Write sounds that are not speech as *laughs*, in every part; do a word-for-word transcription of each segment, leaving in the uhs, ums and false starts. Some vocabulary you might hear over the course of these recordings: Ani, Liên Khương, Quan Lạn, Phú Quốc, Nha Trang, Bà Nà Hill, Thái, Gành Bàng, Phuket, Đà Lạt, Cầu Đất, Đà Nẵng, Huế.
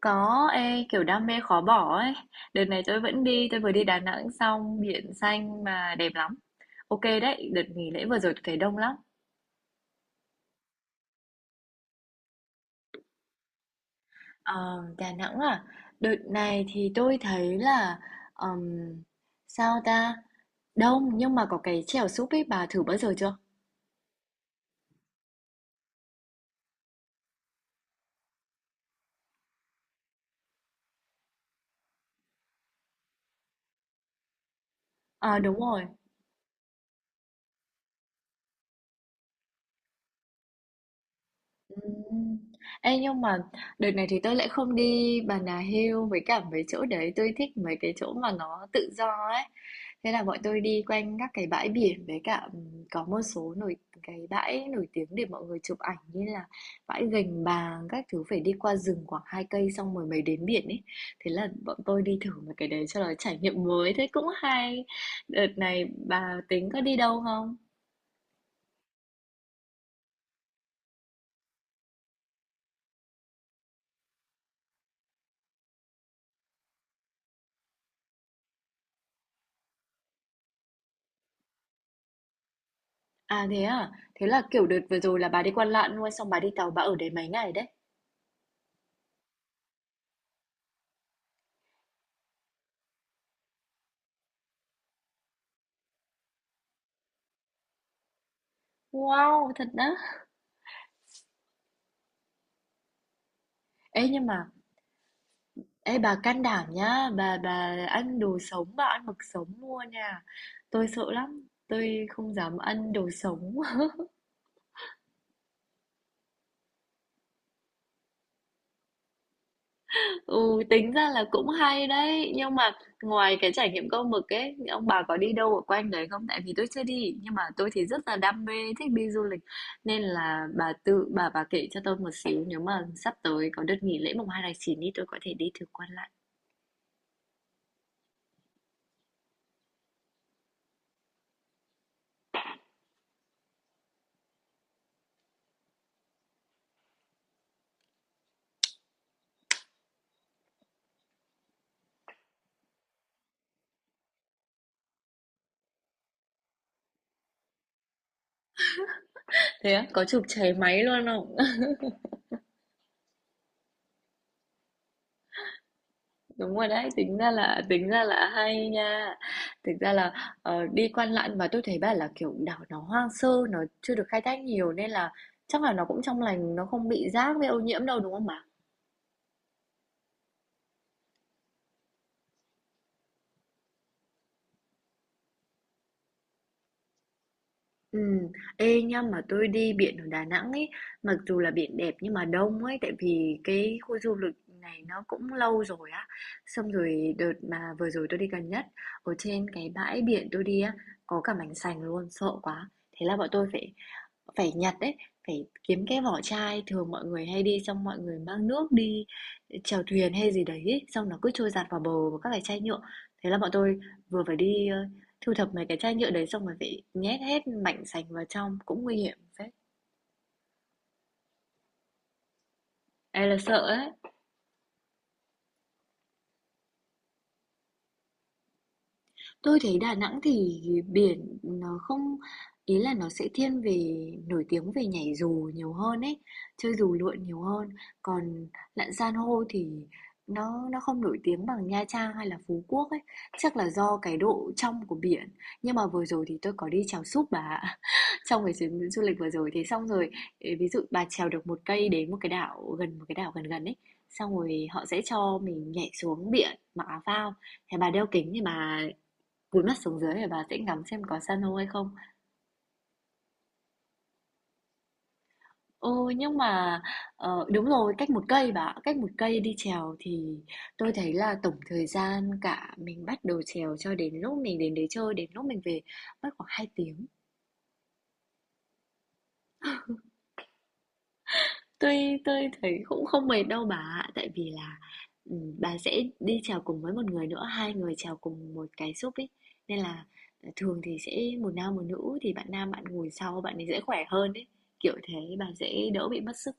Có, ê, kiểu đam mê khó bỏ ấy. Đợt này tôi vẫn đi, tôi vừa đi Đà Nẵng xong, biển xanh mà đẹp lắm. Ok đấy, đợt nghỉ lễ vừa rồi tôi thấy đông lắm. Ờ, Đà Nẵng à? Đợt này thì tôi thấy là ừm, sao ta? Đông nhưng mà có cái chèo súp ấy bà thử bao giờ chưa? À, đúng rồi. Ừm. Ê, nhưng mà đợt này thì tôi lại không đi Bà Nà Hill với cả mấy chỗ đấy. Tôi thích mấy cái chỗ mà nó tự do ấy. Thế là bọn tôi đi quanh các cái bãi biển. Với cả ừm, có một số nổi cái bãi nổi tiếng để mọi người chụp ảnh. Như là bãi Gành Bàng. Các thứ phải đi qua rừng khoảng hai cây, xong rồi mới đến biển ấy. Thế là bọn tôi đi thử một cái đấy cho nó trải nghiệm mới. Thế cũng hay. Đợt này bà tính có đi đâu không? À, thế à? Thế là, kiểu, đợt vừa rồi là bà đi Quan Lạn luôn, xong bà đi tàu bà ở đấy mấy ngày đấy? Wow, thật đó. Ê, nhưng mà ê, bà can đảm nhá, bà bà ăn đồ sống, bà ăn mực sống mua nha. Tôi sợ lắm, tôi không dám ăn đồ sống. Ừ, tính ra là cũng hay đấy. Nhưng mà ngoài cái trải nghiệm câu mực ấy ông bà có đi đâu ở quanh đấy không, tại vì tôi chưa đi nhưng mà tôi thì rất là đam mê thích đi du lịch, nên là bà tự bà bà kể cho tôi một xíu, nếu mà sắp tới có đợt nghỉ lễ mùng hai tháng chín đi tôi có thể đi thử quan lại. Thế á, có chụp cháy máy luôn không? Đúng rồi đấy, tính ra là tính ra là hay nha. Thực ra là ờ, đi Quan Lạn mà tôi thấy bảo là kiểu đảo nó hoang sơ, nó chưa được khai thác nhiều nên là chắc là nó cũng trong lành, nó không bị rác với ô nhiễm đâu đúng không bà? Ừ, ê nhá, mà tôi đi biển ở Đà Nẵng ấy, mặc dù là biển đẹp nhưng mà đông ấy, tại vì cái khu du lịch này nó cũng lâu rồi á. Xong rồi đợt mà vừa rồi tôi đi gần nhất, ở trên cái bãi biển tôi đi á, có cả mảnh sành luôn, sợ quá. Thế là bọn tôi phải Phải nhặt ấy, phải kiếm cái vỏ chai, thường mọi người hay đi xong mọi người mang nước đi ờ, chèo thuyền hay gì đấy ấy, xong nó cứ trôi dạt vào bờ và các cái chai nhựa. Thế là bọn tôi vừa phải đi ờ, thu thập mấy cái chai nhựa đấy, xong rồi phải nhét hết mảnh sành vào trong, cũng nguy hiểm phết. Ê là sợ ấy. Tôi thấy Đà Nẵng thì biển nó không, ý là nó sẽ thiên về nổi tiếng về nhảy dù nhiều hơn ấy, chơi dù lượn nhiều hơn. Còn lặn san hô thì nó nó không nổi tiếng bằng Nha Trang hay là Phú Quốc ấy, chắc là do cái độ trong của biển. Nhưng mà vừa rồi thì tôi có đi chèo súp bà ạ. *laughs* Trong cái chuyến du lịch vừa rồi, thế xong rồi ý, ví dụ bà trèo được một cây đến một cái đảo gần một cái đảo gần gần ấy, xong rồi họ sẽ cho mình nhảy xuống biển mặc áo phao. Thế bà đeo kính thì bà cúi mắt xuống dưới để bà sẽ ngắm xem có san hô hay không. Ừ, nhưng mà ờ, đúng rồi, cách một cây bà ạ. Cách một cây đi trèo thì tôi thấy là tổng thời gian cả mình bắt đầu trèo cho đến lúc mình đến đấy chơi đến lúc mình về mất khoảng hai tiếng. Tôi tôi thấy cũng không mệt đâu bà ạ, tại vì là ừ, bà sẽ đi trèo cùng với một người nữa, hai người trèo cùng một cái súp ấy. Nên là ờ, thường thì sẽ một nam một nữ, thì bạn nam bạn ngồi sau bạn ấy dễ khỏe hơn đấy. Kiểu thế bà sẽ đỡ bị mất sức.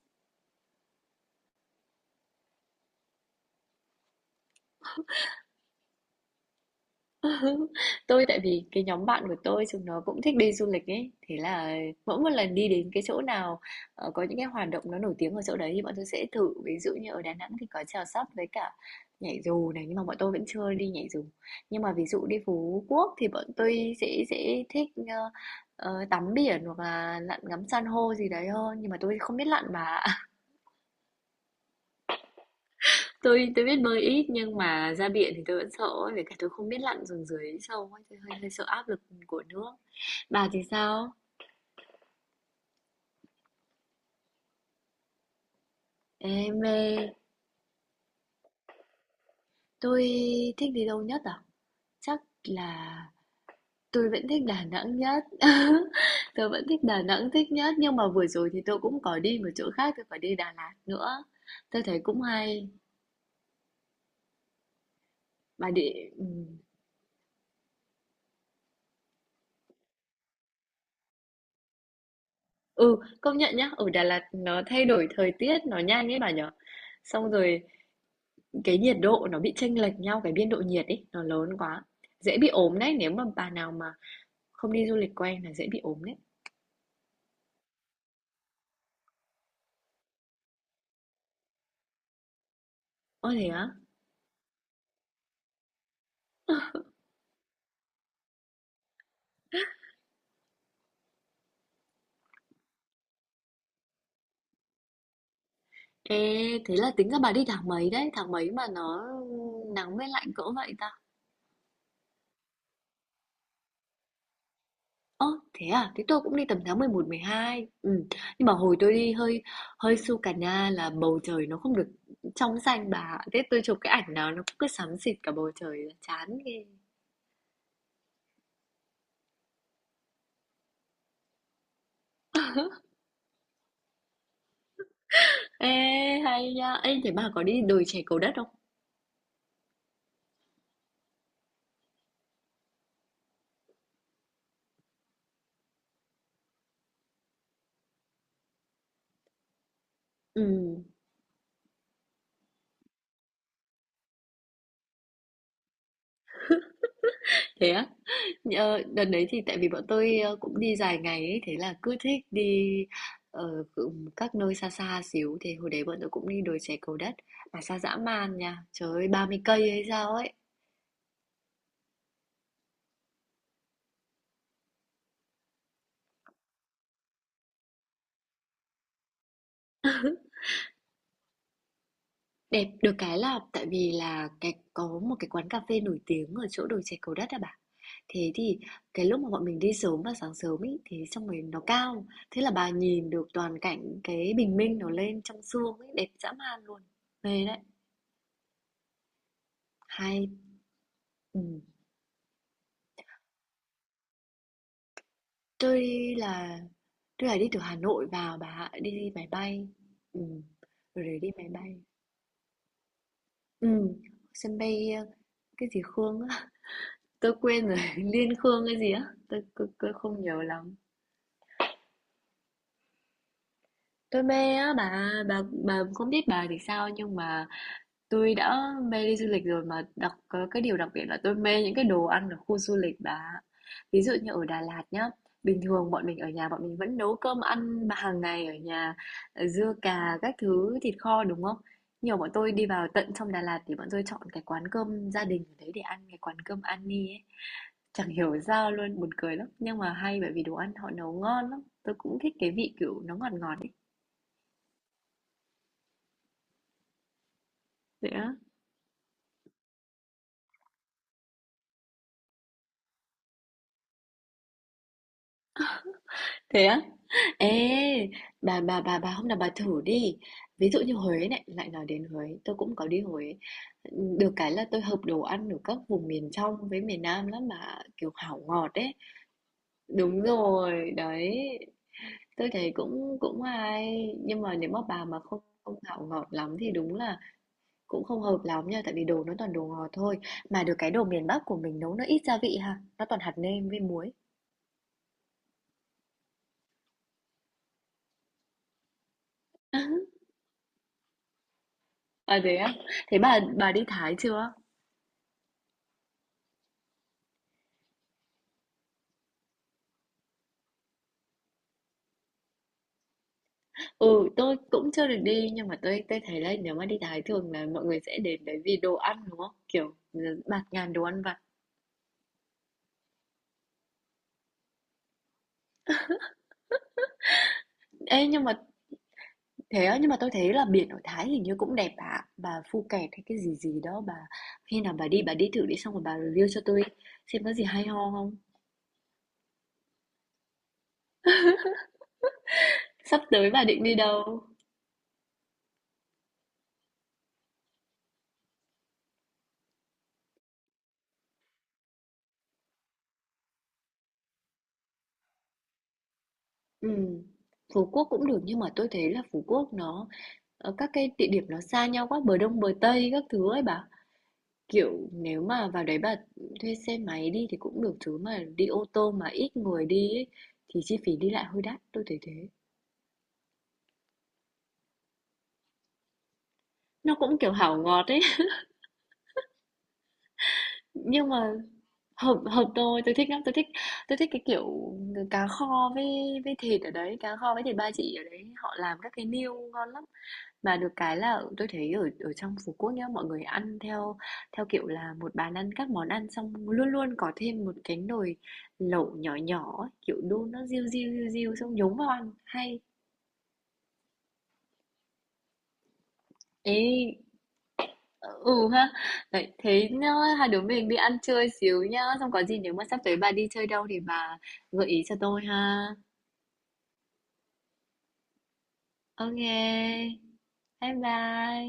Tôi tại vì cái nhóm bạn của tôi chúng nó cũng thích đi du lịch ấy, thế là mỗi một lần đi đến cái chỗ nào ờ, có những cái hoạt động nó nổi tiếng ở chỗ đấy thì bọn tôi sẽ thử. Ví dụ như ở Đà Nẵng thì có chèo sắp với cả nhảy dù này, nhưng mà bọn tôi vẫn chưa đi nhảy dù. Nhưng mà ví dụ đi Phú Quốc thì bọn tôi sẽ sẽ thích ờ, ờ, tắm biển hoặc là lặn ngắm san hô gì đấy hơn, nhưng mà tôi không biết lặn mà. Tôi tôi biết bơi ít nhưng mà ra biển thì tôi vẫn sợ ấy, với cả tôi không biết lặn xuống dưới sâu ấy, tôi hơi, hơi sợ áp lực của nước. Bà thì sao? Em mê tôi thích đi đâu nhất à? Chắc là tôi vẫn thích Đà Nẵng nhất. *laughs* Tôi vẫn thích Đà Nẵng thích nhất, nhưng mà vừa rồi thì tôi cũng có đi một chỗ khác, tôi phải đi Đà Lạt nữa. Tôi thấy cũng hay. Bà đi, ừ. Ừ, công nhận nhá, ở Đà Lạt nó thay đổi thời tiết nó nhanh ấy bà nhở. Xong rồi cái nhiệt độ nó bị chênh lệch nhau, cái biên độ nhiệt ấy, nó lớn quá. Dễ bị ốm đấy, nếu mà bà nào mà không đi du lịch quen là dễ bị ốm đấy. Ơ, thế á? Ê, thế là tính ra bà đi tháng mấy đấy? Tháng mấy mà nó nắng với lạnh cỡ vậy ta? Ơ, thế à? Thế tôi cũng đi tầm tháng mười một, mười hai. Ừ. Nhưng mà hồi tôi đi hơi hơi su cà na là bầu trời nó không được trong xanh bà ạ. Thế tôi chụp cái ảnh nào nó cũng cứ xám xịt cả bầu trời, chán ghê. Ê, hay nha. Ê, thế bà có đi đồi chè Cầu Đất không? Ừ, thế á? Ờ, đợt đấy thì tại vì bọn tôi ờ, cũng đi dài ngày ấy, thế là cứ thích đi ờ, cũng- các nơi xa xa xíu thì hồi đấy bọn tôi cũng đi đồi chè Cầu Đất mà xa dã man nha, trời ơi, ba mươi cây hay sao ấy. Đẹp được cái là tại vì là cái có một cái quán cà phê nổi tiếng ở chỗ đồi chè Cầu Đất à bà, thế thì cái lúc mà bọn mình đi sớm và sáng sớm ấy thì xong rồi nó cao, thế là bà nhìn được toàn cảnh cái bình minh nó lên trong sương ấy đẹp dã man luôn, mê đấy, hay. Ừ. tôi là Tức là đi từ Hà Nội vào bà ạ, đi đi máy bay. Ừm, rồi để đi máy bay. Ừm, sân bay ờ, cái gì Khương á, *laughs* tôi quên rồi, *laughs* Liên Khương cái gì á, tôi, tôi, tôi không nhớ lắm. Tôi mê á bà, bà bà không biết bà thì sao, nhưng mà tôi đã mê đi du lịch rồi, mà đặc cái điều đặc biệt là tôi mê những cái đồ ăn ở khu du lịch bà. Ví dụ như ở Đà Lạt nhá, bình thường bọn mình ở nhà bọn mình vẫn nấu cơm ăn hàng ngày ở nhà, ờ, dưa cà các thứ thịt kho đúng không? Nhưng mà bọn tôi đi vào tận trong Đà Lạt thì bọn tôi chọn cái quán cơm gia đình ở đấy để ăn, cái quán cơm Ani ấy. Chẳng hiểu sao luôn, buồn cười lắm. Nhưng mà hay, bởi vì đồ ăn họ nấu ngon lắm. Tôi cũng thích cái vị kiểu nó ngọt ngọt ấy. Dạ. Thế á? Ê, bà bà bà bà hôm nào bà thử đi. Ví dụ như Huế này, lại nói đến Huế, tôi cũng có đi Huế. Được cái là tôi hợp đồ ăn ở các vùng miền trong với miền Nam lắm, mà kiểu hảo ngọt ấy. Đúng rồi, đấy. Tôi thấy cũng cũng hay, nhưng mà nếu mà bà mà không không hảo ngọt lắm thì đúng là cũng không hợp lắm nha, tại vì đồ nó toàn đồ ngọt thôi. Mà được cái đồ miền Bắc của mình nấu nó ít gia vị ha, nó toàn hạt nêm với muối. *laughs* À, thế á? Thế bà bà đi Thái chưa? Ừ, tôi cũng chưa được đi, nhưng mà tôi tôi thấy là nếu mà đi Thái thường là mọi người sẽ đến đấy vì đồ ăn đúng không? Kiểu ừ, bạt ngàn đồ ăn vặt. Ê, nhưng mà thế á, nhưng mà tôi thấy là biển ở Thái hình như cũng đẹp ạ. Bà, Phuket hay cái gì gì đó bà, khi nào bà đi bà đi thử đi xong rồi bà review cho tôi xem có gì hay ho không. Sắp tới bà định đi đâu? Ừ. Phú Quốc cũng được nhưng mà tôi thấy là Phú Quốc nó ờ, các cái địa điểm nó xa nhau quá, bờ đông bờ tây các thứ ấy bà. Kiểu, nếu mà vào đấy bà thuê xe máy đi thì cũng được, chứ mà đi ô tô mà ít người đi ấy, thì chi phí đi lại hơi đắt, tôi thấy thế. Nó cũng kiểu hảo ngọt ấy, nhưng mà hợp hợp tôi, tôi thích lắm, tôi thích tôi thích cái kiểu cá kho với với thịt ở đấy, cá kho với thịt ba chỉ ở đấy, họ làm các cái niêu ngon lắm. Mà được cái là tôi thấy ở ở trong Phú Quốc nhá, mọi người ăn theo theo kiểu là một bàn ăn các món ăn, xong luôn luôn có thêm một cái nồi lẩu nhỏ nhỏ ấy, kiểu đun nó riu riu riu riu xong nhúng vào ăn hay. Ê, ừ ha, đấy thế nhá, hai đứa mình đi ăn chơi xíu nhá, xong có gì nếu mà sắp tới bà đi chơi đâu thì bà gợi ý cho tôi ha. Ok, bye bye.